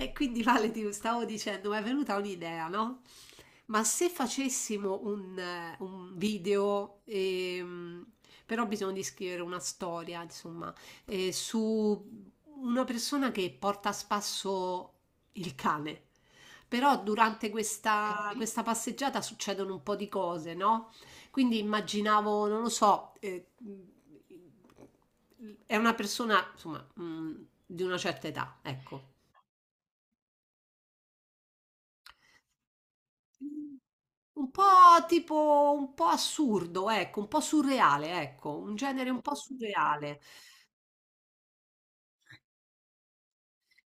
E quindi Vale, ti stavo dicendo, mi è venuta un'idea, no? Ma se facessimo un video, però bisogna di scrivere una storia, insomma, su una persona che porta a spasso il cane. Però durante questa passeggiata succedono un po' di cose, no? Quindi immaginavo, non lo so, è una persona, insomma, di una certa età, ecco. Un po' tipo un po' assurdo, ecco, un po' surreale, ecco, un genere un po' surreale.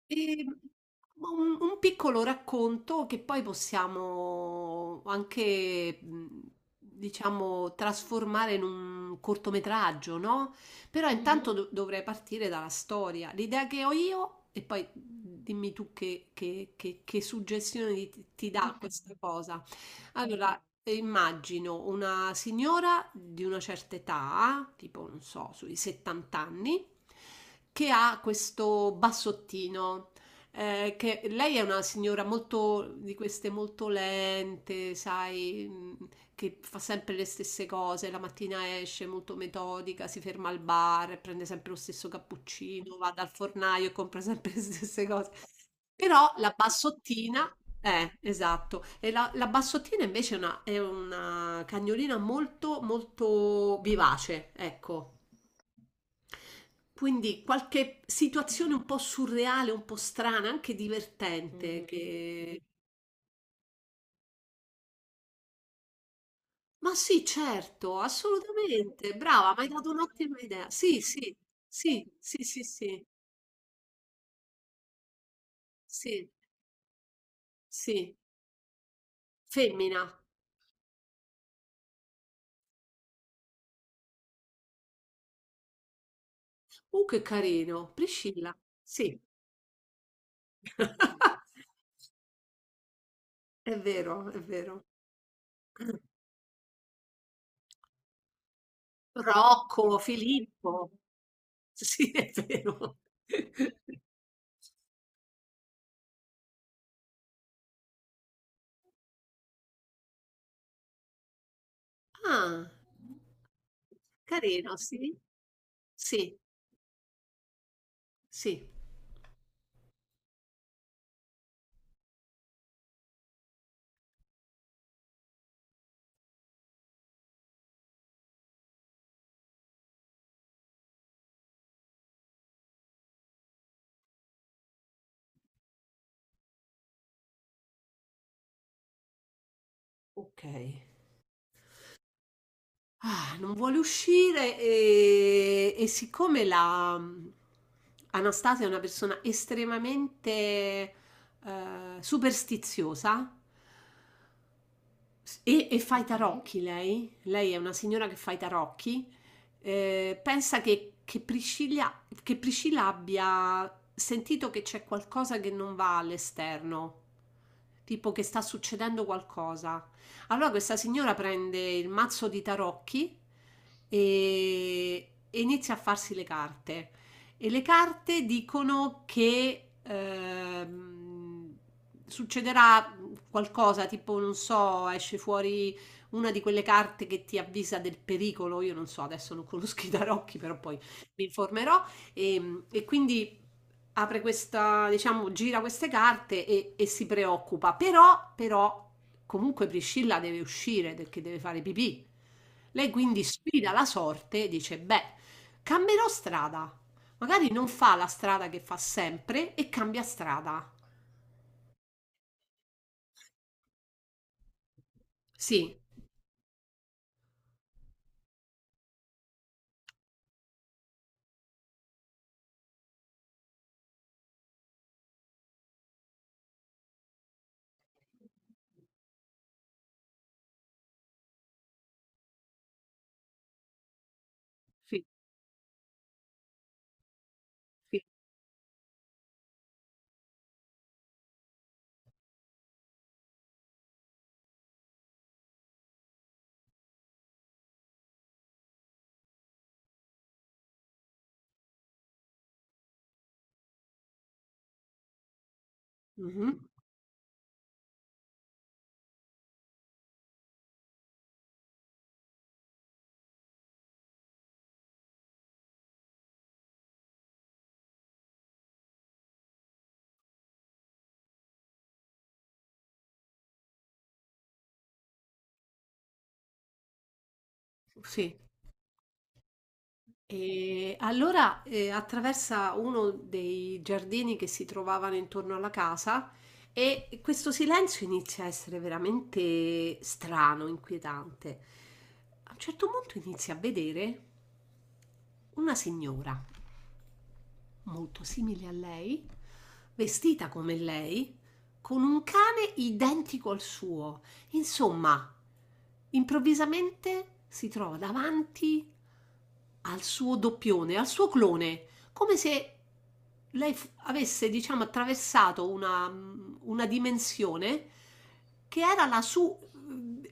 Ehm, ma un piccolo racconto che poi possiamo anche, diciamo, trasformare in un cortometraggio, no? Però intanto mhm, dovrei partire dalla storia, l'idea che ho io, e poi dimmi tu che, che suggestione ti, ti dà questa cosa. Allora, immagino una signora di una certa età, tipo, non so, sui 70 anni, che ha questo bassottino. Eh, che lei è una signora molto di queste molto lente, sai, che fa sempre le stesse cose, la mattina esce molto metodica, si ferma al bar, prende sempre lo stesso cappuccino, va dal fornaio e compra sempre le stesse cose. Però la bassottina, esatto, e la bassottina invece è una cagnolina molto, molto vivace, ecco. Quindi qualche situazione un po' surreale, un po' strana, anche divertente, mm, che ma sì, certo, assolutamente. Brava, mi hai dato un'ottima idea. Sì, sì, sì, sì, sì, sì, sì, sì. Femmina. Che carino. Priscilla. Sì. È vero, è vero. Rocco, Filippo. Sì, è vero. Ah, carino, sì. Sì, sì. Ok. Ah, non vuole uscire e siccome la Anastasia è una persona estremamente superstiziosa, e fa i tarocchi lei? Lei è una signora che fa i tarocchi. Pensa che, che Priscilla abbia sentito che c'è qualcosa che non va all'esterno, tipo che sta succedendo qualcosa. Allora questa signora prende il mazzo di tarocchi e inizia a farsi le carte. E le carte dicono che succederà qualcosa tipo, non so, esce fuori una di quelle carte che ti avvisa del pericolo. Io non so, adesso non conosco i tarocchi, però poi mi informerò. E quindi apre questa, diciamo, gira queste carte e si preoccupa. Però, comunque Priscilla deve uscire perché deve fare pipì. Lei quindi sfida la sorte e dice: beh, cambierò strada. Magari non fa la strada che fa sempre e cambia strada. Sì, sì, sì. Mhm, sì, e allora attraversa uno dei giardini che si trovavano intorno alla casa e questo silenzio inizia a essere veramente strano, inquietante. A un certo punto inizia a vedere una signora molto simile a lei, vestita come lei, con un cane identico al suo. Insomma, improvvisamente si trova davanti al suo doppione, al suo clone, come se lei avesse, diciamo, attraversato una, una dimensione che era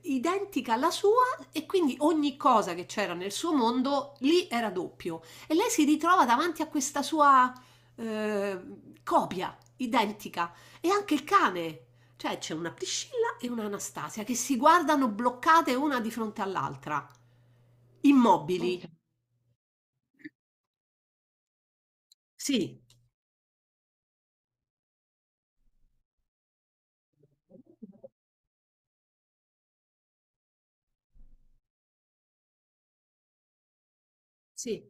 identica alla sua e quindi ogni cosa che c'era nel suo mondo lì era doppio. E lei si ritrova davanti a questa sua eh, copia identica e anche il cane. Cioè c'è una Priscilla e una Anastasia che si guardano bloccate una di fronte all'altra, immobili. Ok. Sì, sì.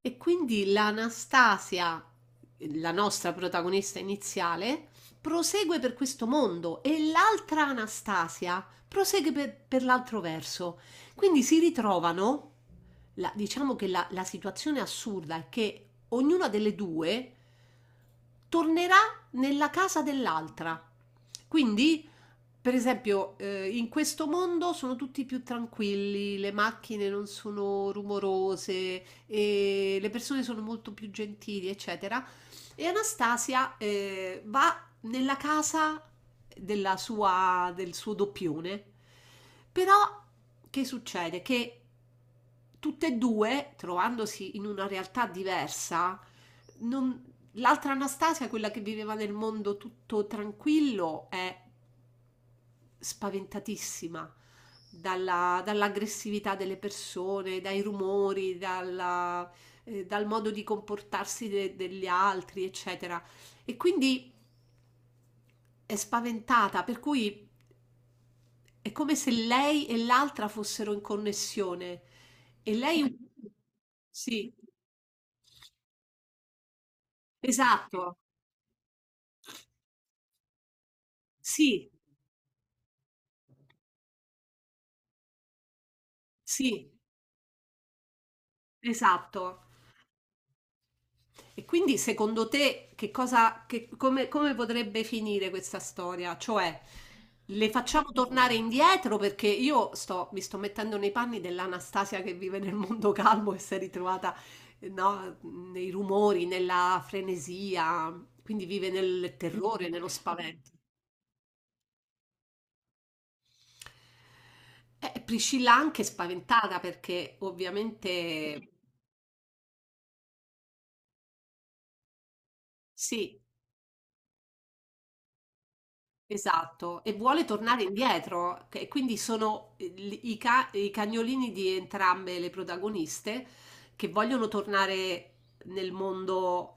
E quindi l'Anastasia, la nostra protagonista iniziale, prosegue per questo mondo e l'altra Anastasia prosegue per l'altro verso. Quindi si ritrovano, la- diciamo che la situazione assurda è che ognuna delle due tornerà nella casa dell'altra. Quindi, per esempio, in questo mondo sono tutti più tranquilli, le macchine non sono rumorose, e le persone sono molto più gentili, eccetera. E Anastasia va nella casa della sua, del suo doppione, però che succede? Che tutte e due, trovandosi in una realtà diversa, non- l'altra Anastasia, quella che viveva nel mondo tutto tranquillo, è spaventatissima dall'aggressività delle persone, dai rumori, dal modo di comportarsi degli altri, eccetera. E quindi è spaventata, per cui è come se lei e l'altra fossero in connessione. E lei... un- Sì, esatto, sì, sì, esatto. E quindi secondo te che cosa, che- come, come potrebbe finire questa storia? Cioè, le facciamo tornare indietro perché io mi sto mettendo nei panni dell'Anastasia che vive nel mondo calmo e si è ritrovata, no, nei rumori, nella frenesia, quindi vive nel terrore, nello spavento. Priscilla anche spaventata perché ovviamente sì, esatto, e vuole tornare indietro, che- e quindi sono i, i cagnolini di entrambe le protagoniste che vogliono tornare nel mondo.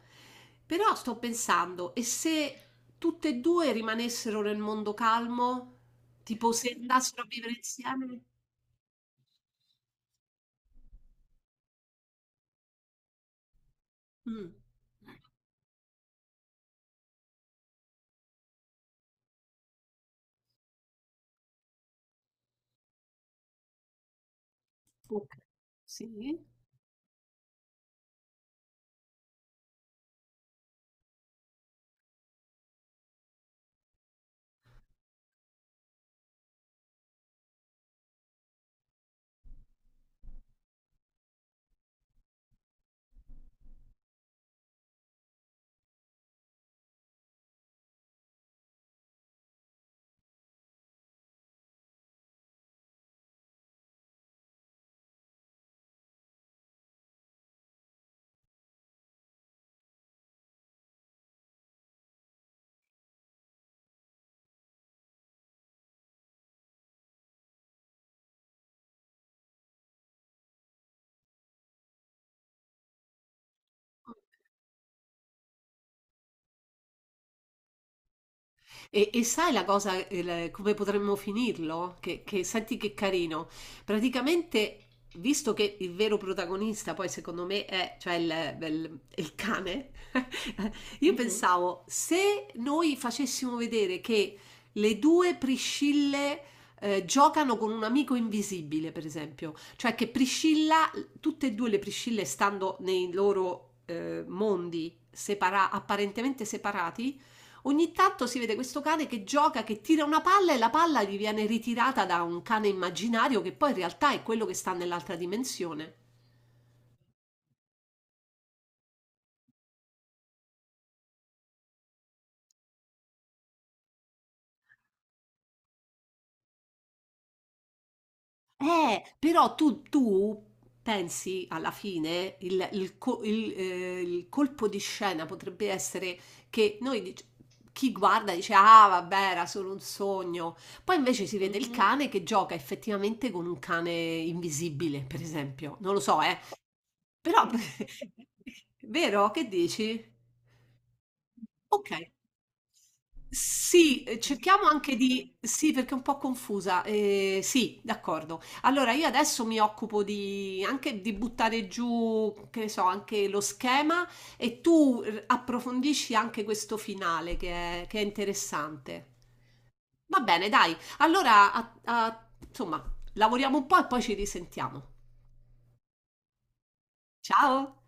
Però sto pensando, e se tutte e due rimanessero nel mondo calmo? Tipo se andassero a vivere insieme? Mm. Ok, sì. E sai la cosa, la- come potremmo finirlo? Che- senti che carino. Praticamente, visto che il vero protagonista, poi secondo me è, cioè il cane, io mhm, pensavo se noi facessimo vedere che le due Priscille giocano con un amico invisibile, per esempio, cioè che Priscilla, tutte e due le Priscille stando nei loro apparentemente separati. Ogni tanto si vede questo cane che gioca, che tira una palla e la palla gli viene ritirata da un cane immaginario che poi in realtà è quello che sta nell'altra dimensione. Però tu pensi alla fine, il colpo di scena potrebbe essere che noi, dic- chi guarda dice, ah vabbè, era solo un sogno. Poi invece si vede il mhm, cane che gioca effettivamente con un cane invisibile, per esempio. Non lo so, eh. Però, vero? Che dici? Okay. Sì, cerchiamo anche di sì, perché è un po' confusa. Sì, d'accordo. Allora io adesso mi occupo di anche di buttare giù, che ne so, anche lo schema e tu r approfondisci anche questo finale che è interessante. Va bene, dai. Allora a a insomma, lavoriamo un po' e poi ci risentiamo. Ciao.